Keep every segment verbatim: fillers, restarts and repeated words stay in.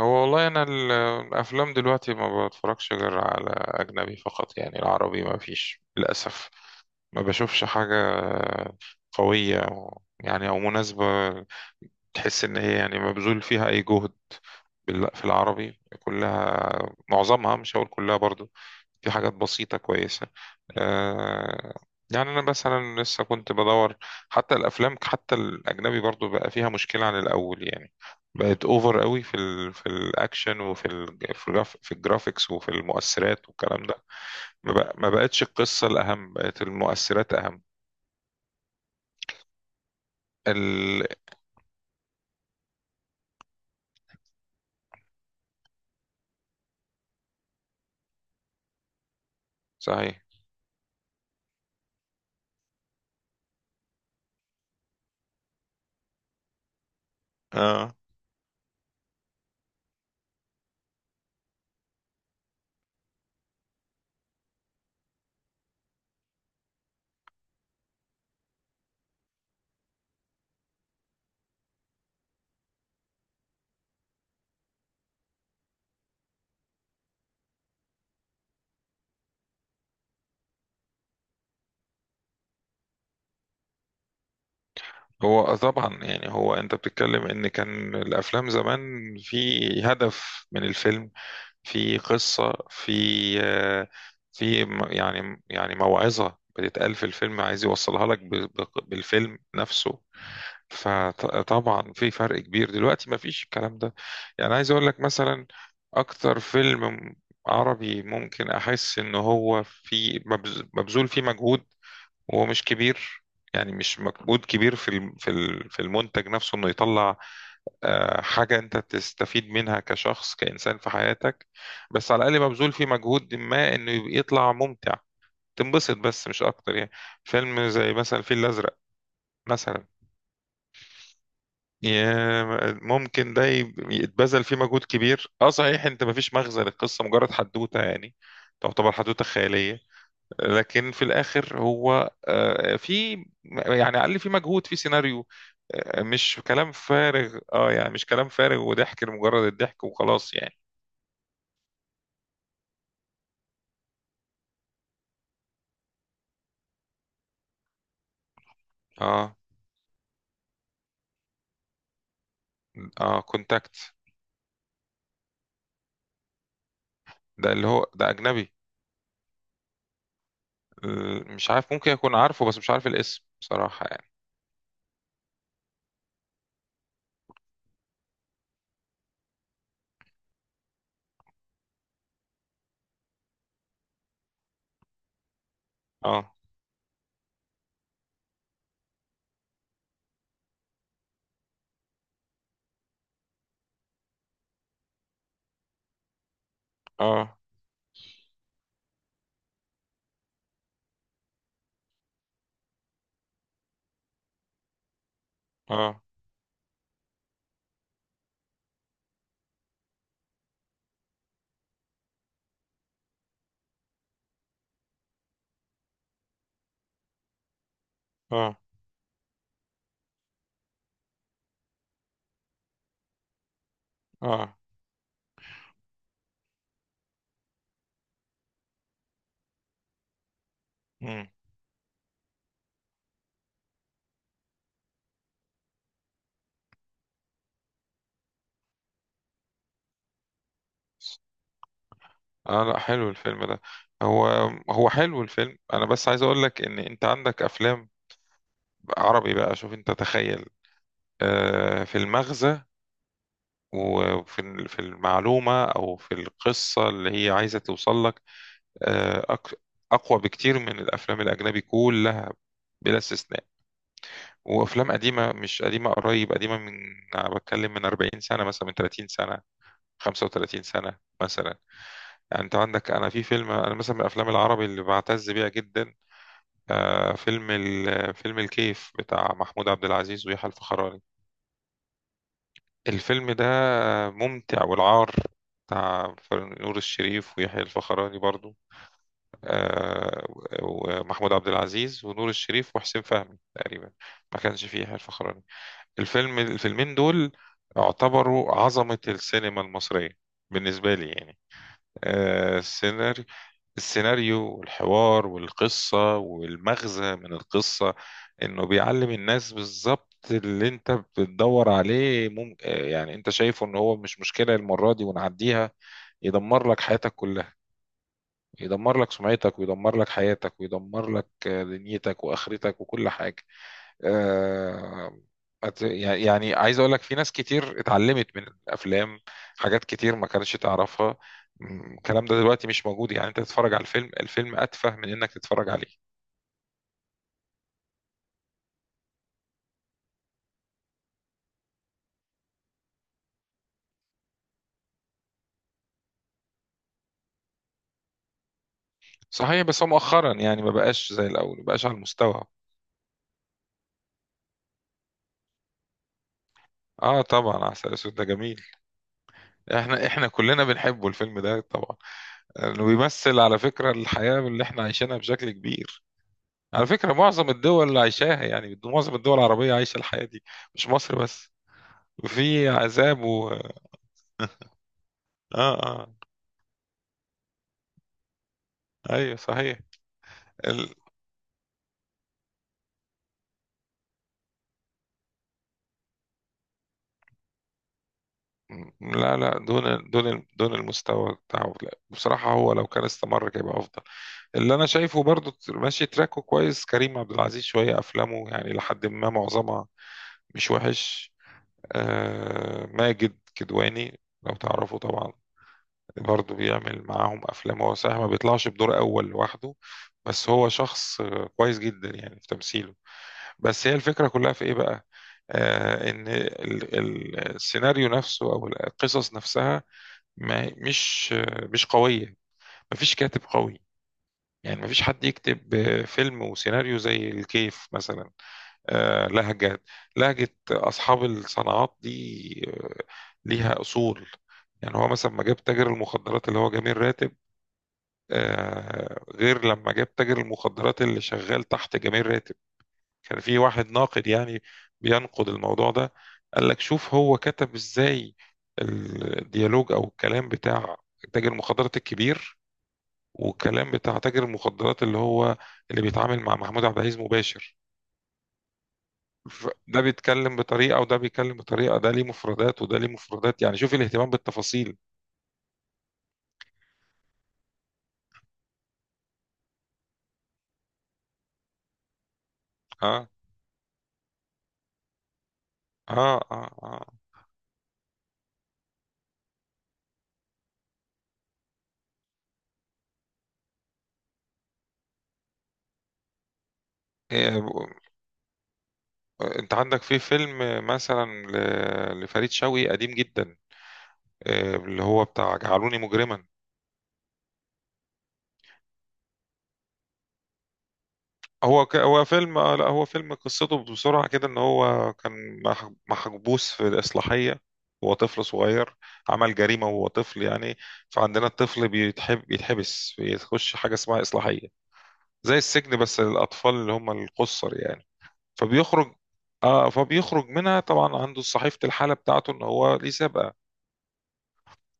هو والله انا ال- الافلام دلوقتي ما بتفرجش غير على اجنبي فقط، يعني العربي ما فيش للاسف. ما بشوفش حاجة قوية يعني او مناسبة تحس إن هي يعني مبذول فيها أي جهد بال- في العربي كلها. معظمها، مش هقول كلها برضو، في حاجات بسيطة كويسة. آه يعني أنا مثلا لسه كنت بدور. حتى الأفلام، حتى الأجنبي برضو، بقى فيها مشكلة عن الأول يعني. بقت أوفر قوي في ال في الأكشن وفي ال في, الجراف في الجرافيكس وفي المؤثرات والكلام ده. ما, بق ما بقتش القصة الأهم، بقت المؤثرات أهم. ال صحيح. اه. هو آه طبعا يعني، هو انت بتتكلم ان كان الافلام زمان في هدف من الفيلم، في قصة، في آه، في م- يعني يعني موعظة بتتقال في الفيلم عايز يوصلها لك ب- ب- بالفيلم نفسه. فطبعا في فرق كبير دلوقتي، ما فيش الكلام ده. يعني عايز اقول لك مثلا، اكتر فيلم عربي ممكن احس ان هو في مبذ- مبذول فيه مجهود، ومش كبير يعني، مش مجهود كبير في الم- في ال- في المنتج نفسه، انه يطلع آه، حاجة انت تستفيد منها كشخص كإنسان في حياتك. بس على الأقل مبذول فيه مجهود ما، انه يبقى يطلع ممتع، تنبسط بس، مش اكتر يعني. فيلم زي مثلا الفيل الأزرق مثلا، يا- ممكن ده يب- يتبذل فيه مجهود كبير. اه صحيح، انت مفيش مغزى للقصة، مجرد حدوتة يعني، تعتبر حدوتة خيالية. لكن في الاخر هو، آه، في يعني على الاقل في مجهود، في سيناريو، آه، مش كلام فارغ. اه يعني مش كلام فارغ وضحك لمجرد الضحك وخلاص يعني. اه، اه، كونتاكت. ده اللي هو ده اجنبي. آه، مش عارف، ممكن اكون عارفه بس مش عارف الاسم بصراحة يعني. اه، اه، اه، اه، اه. مم. اه، لا، حلو الفيلم ده. هو هو حلو الفيلم. انا بس عايز اقول لك ان انت عندك افلام عربي بقى، شوف انت تخيل، آه، في المغزى وفي ال- في المعلومة أو في القصة اللي هي عايزة توصل لك آه، أك- أقوى بكتير من الأفلام الأجنبي كلها، بلا استثناء. وأفلام قديمة، مش قديمة قريب، قديمة من، أنا بتكلم من 40 سنة مثلا، من 30 سنة، 35 سنة مثلا. يعني أنت عندك، أنا في فيلم، أنا مثلا من الأفلام العربي اللي بعتز بيها جدا، آه، فيلم ال- فيلم الكيف بتاع محمود عبد العزيز ويحيى الفخراني. الفيلم ده ممتع. والعار بتاع فر- نور الشريف ويحيى الفخراني برضو، آه، ومحمود عبد العزيز ونور الشريف وحسين فهمي تقريبا، ما كانش فيه يحيى الفخراني. الفيلم الفيلمين دول اعتبروا عظمة السينما المصرية بالنسبة لي يعني. آه، سيناريو السيناريو والحوار والقصة والمغزى من القصة، انه بيعلم الناس بالظبط اللي انت بتدور عليه. مم... آه، يعني انت شايفه ان هو مش مشكلة، المرة دي ونعديها يدمر لك حياتك كلها، يدمر لك سمعتك ويدمر لك حياتك ويدمر لك آه، دنيتك واخرتك وكل حاجة. آه، أت- يعني يعني عايز اقول لك، في ناس كتير اتعلمت من الافلام حاجات كتير ما كانتش تعرفها. م، الكلام ده دلوقتي مش موجود. يعني انت تتفرج على الفيلم الفيلم اتفه من انك تتفرج عليه. صحيح. بس هو مؤخرا يعني ما بقاش زي الاول، ما بقاش على المستوى. اه، طبعا عسل اسود ده جميل. احنا احنا كلنا بنحبه الفيلم ده طبعا. انه بيمثل على فكرة الحياة اللي احنا عايشينها بشكل كبير. على فكرة معظم الدول اللي عايشاها يعني، معظم الدول العربية عايشة الحياة دي، مش مصر بس. في عذاب و... اه، اه، ايوه، صحيح. ال... لا، لا، دون، دون، دون المستوى بتاعه. لا بصراحة هو لو كان استمر كان يبقى أفضل. اللي أنا شايفه برضو ماشي تراكه كويس، كريم عبد العزيز، شوية أفلامه يعني لحد ما معظمها مش وحش. آه ماجد كدواني لو تعرفه طبعا، برضه بيعمل معاهم افلام. هو صحيح ما بيطلعش بدور اول لوحده، بس هو شخص آه، كويس جدا يعني في تمثيله. بس هي الفكرة كلها في ايه بقى؟ آه ان ال- ال- السيناريو نفسه او القصص نفسها، ما مش آه، مش قوية. مفيش كاتب قوي، يعني مفيش حد يكتب آه، فيلم وسيناريو زي الكيف مثلا. آه، لهجة لهجة أصحاب الصناعات دي آه، ليها أصول. يعني هو مثلا ما جاب تاجر المخدرات اللي هو جميل راتب آه، غير لما جاب تاجر المخدرات اللي شغال تحت جميل راتب. كان في واحد ناقد يعني بينقد الموضوع ده، قال لك شوف هو كتب ازاي الديالوج او الكلام بتاع تاجر المخدرات الكبير، والكلام بتاع تاجر المخدرات اللي هو اللي بيتعامل مع محمود عبد العزيز مباشر. ف- ده بيتكلم بطريقة وده بيتكلم بطريقة، ده ليه مفردات وده ليه مفردات، يعني شوف الاهتمام بالتفاصيل. اه، اه، اه, آه. انت عندك في فيلم مثلا ل- لفريد شوقي قديم جدا، آه، اللي هو بتاع جعلوني مجرما. هو ك... هو فيلم، آه، لا، هو فيلم قصته بسرعة كده، ان هو كان مح- محبوس في الإصلاحية. هو طفل صغير، عمل جريمة وهو طفل يعني، فعندنا الطفل بيتحب بيتحبس بيخش حاجة اسمها إصلاحية، زي السجن بس للأطفال اللي هم القُصر يعني. فبيخرج اه فبيخرج منها طبعا عنده صحيفة الحالة بتاعته ان هو ليه سابقة،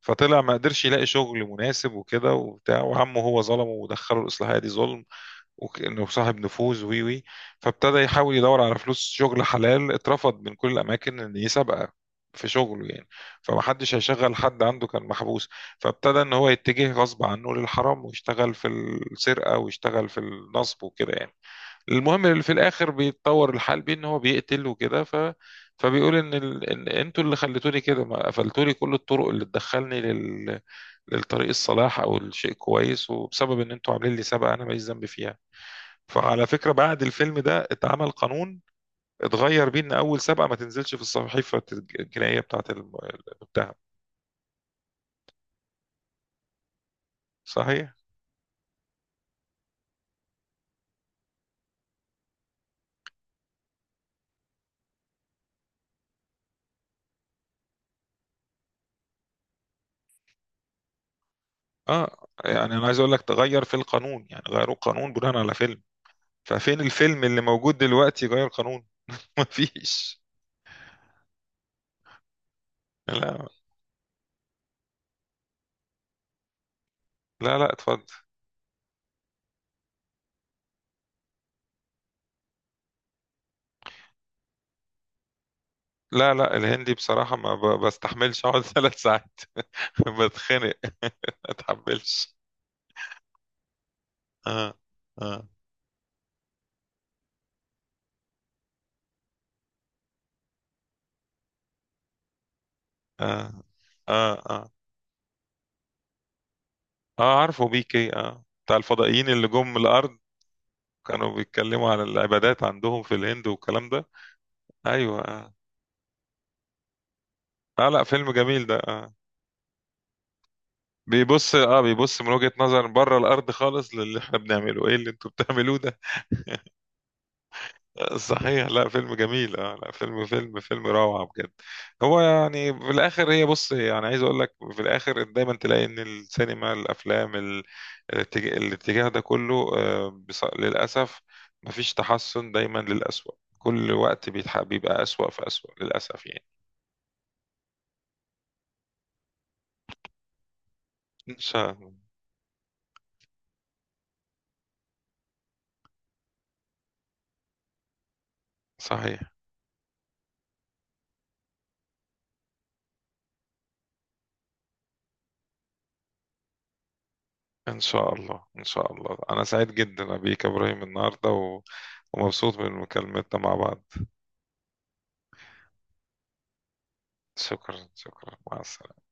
فطلع ما قدرش يلاقي شغل مناسب وكده وبتاع، وعمه هو ظلمه ودخله الإصلاحية دي ظلم، وإنه صاحب نفوذ وي وي فابتدى يحاول يدور على فلوس شغل حلال، اترفض من كل الأماكن إن يسابقه في شغله يعني. فمحدش هيشغل حد عنده كان محبوس، فابتدى إن هو يتجه غصب عنه للحرام، ويشتغل في السرقة ويشتغل في النصب وكده يعني. المهم اللي في الاخر بيتطور الحال بيه ان هو بيقتل وكده، ف فبيقول ان ال... ان انتوا اللي خليتوني كده، ما قفلتولي كل الطرق اللي تدخلني لل... للطريق الصلاح او الشيء كويس، وبسبب ان انتوا عاملين لي سابقه انا ماليش ذنب فيها. فعلى فكره بعد الفيلم ده اتعمل قانون، اتغير بيه ان اول سابقه ما تنزلش في الصحيفه الجنائيه بتاعه الم- المتهم. صحيح. اه، يعني انا عايز اقول لك تغير في القانون، يعني غيروا القانون بناء على فيلم. ففين الفيلم اللي موجود دلوقتي غير قانون؟ مفيش. لا، لا، لا، اتفضل. لا، لا، الهندي بصراحة ما ب- بستحملش اقعد ثلاث ساعات. بتخنق، ما اتحملش. اه، اه، اه، اه، اه. اه، عارفه بيكي. اه بتاع الفضائيين اللي جم من الارض كانوا بيتكلموا على العبادات عندهم في الهند والكلام ده. ايوه، اه, آه، لا، فيلم جميل ده، اه. بيبص اه بيبص من وجهة نظر بره الارض خالص للي احنا بنعمله، ايه اللي انتوا بتعملوه ده؟ صحيح. لا، فيلم جميل. اه، لا، فيلم فيلم فيلم روعة بجد. هو يعني في الاخر، هي بص يعني عايز اقول لك في الاخر دايما تلاقي ان السينما، الافلام ال- الاتجاه, الاتجاه ده كله، آه، بص- للاسف مفيش تحسن، دايما للأسوأ، كل وقت بيتح- بيبقى أسوأ في أسوأ للأسف يعني. ان شاء الله. صحيح، ان شاء الله، ان شاء الله، انا سعيد جدا بيك يا ابراهيم النهارده و... ومبسوط من مكالمتنا مع بعض. شكرا، شكرا، مع السلامة.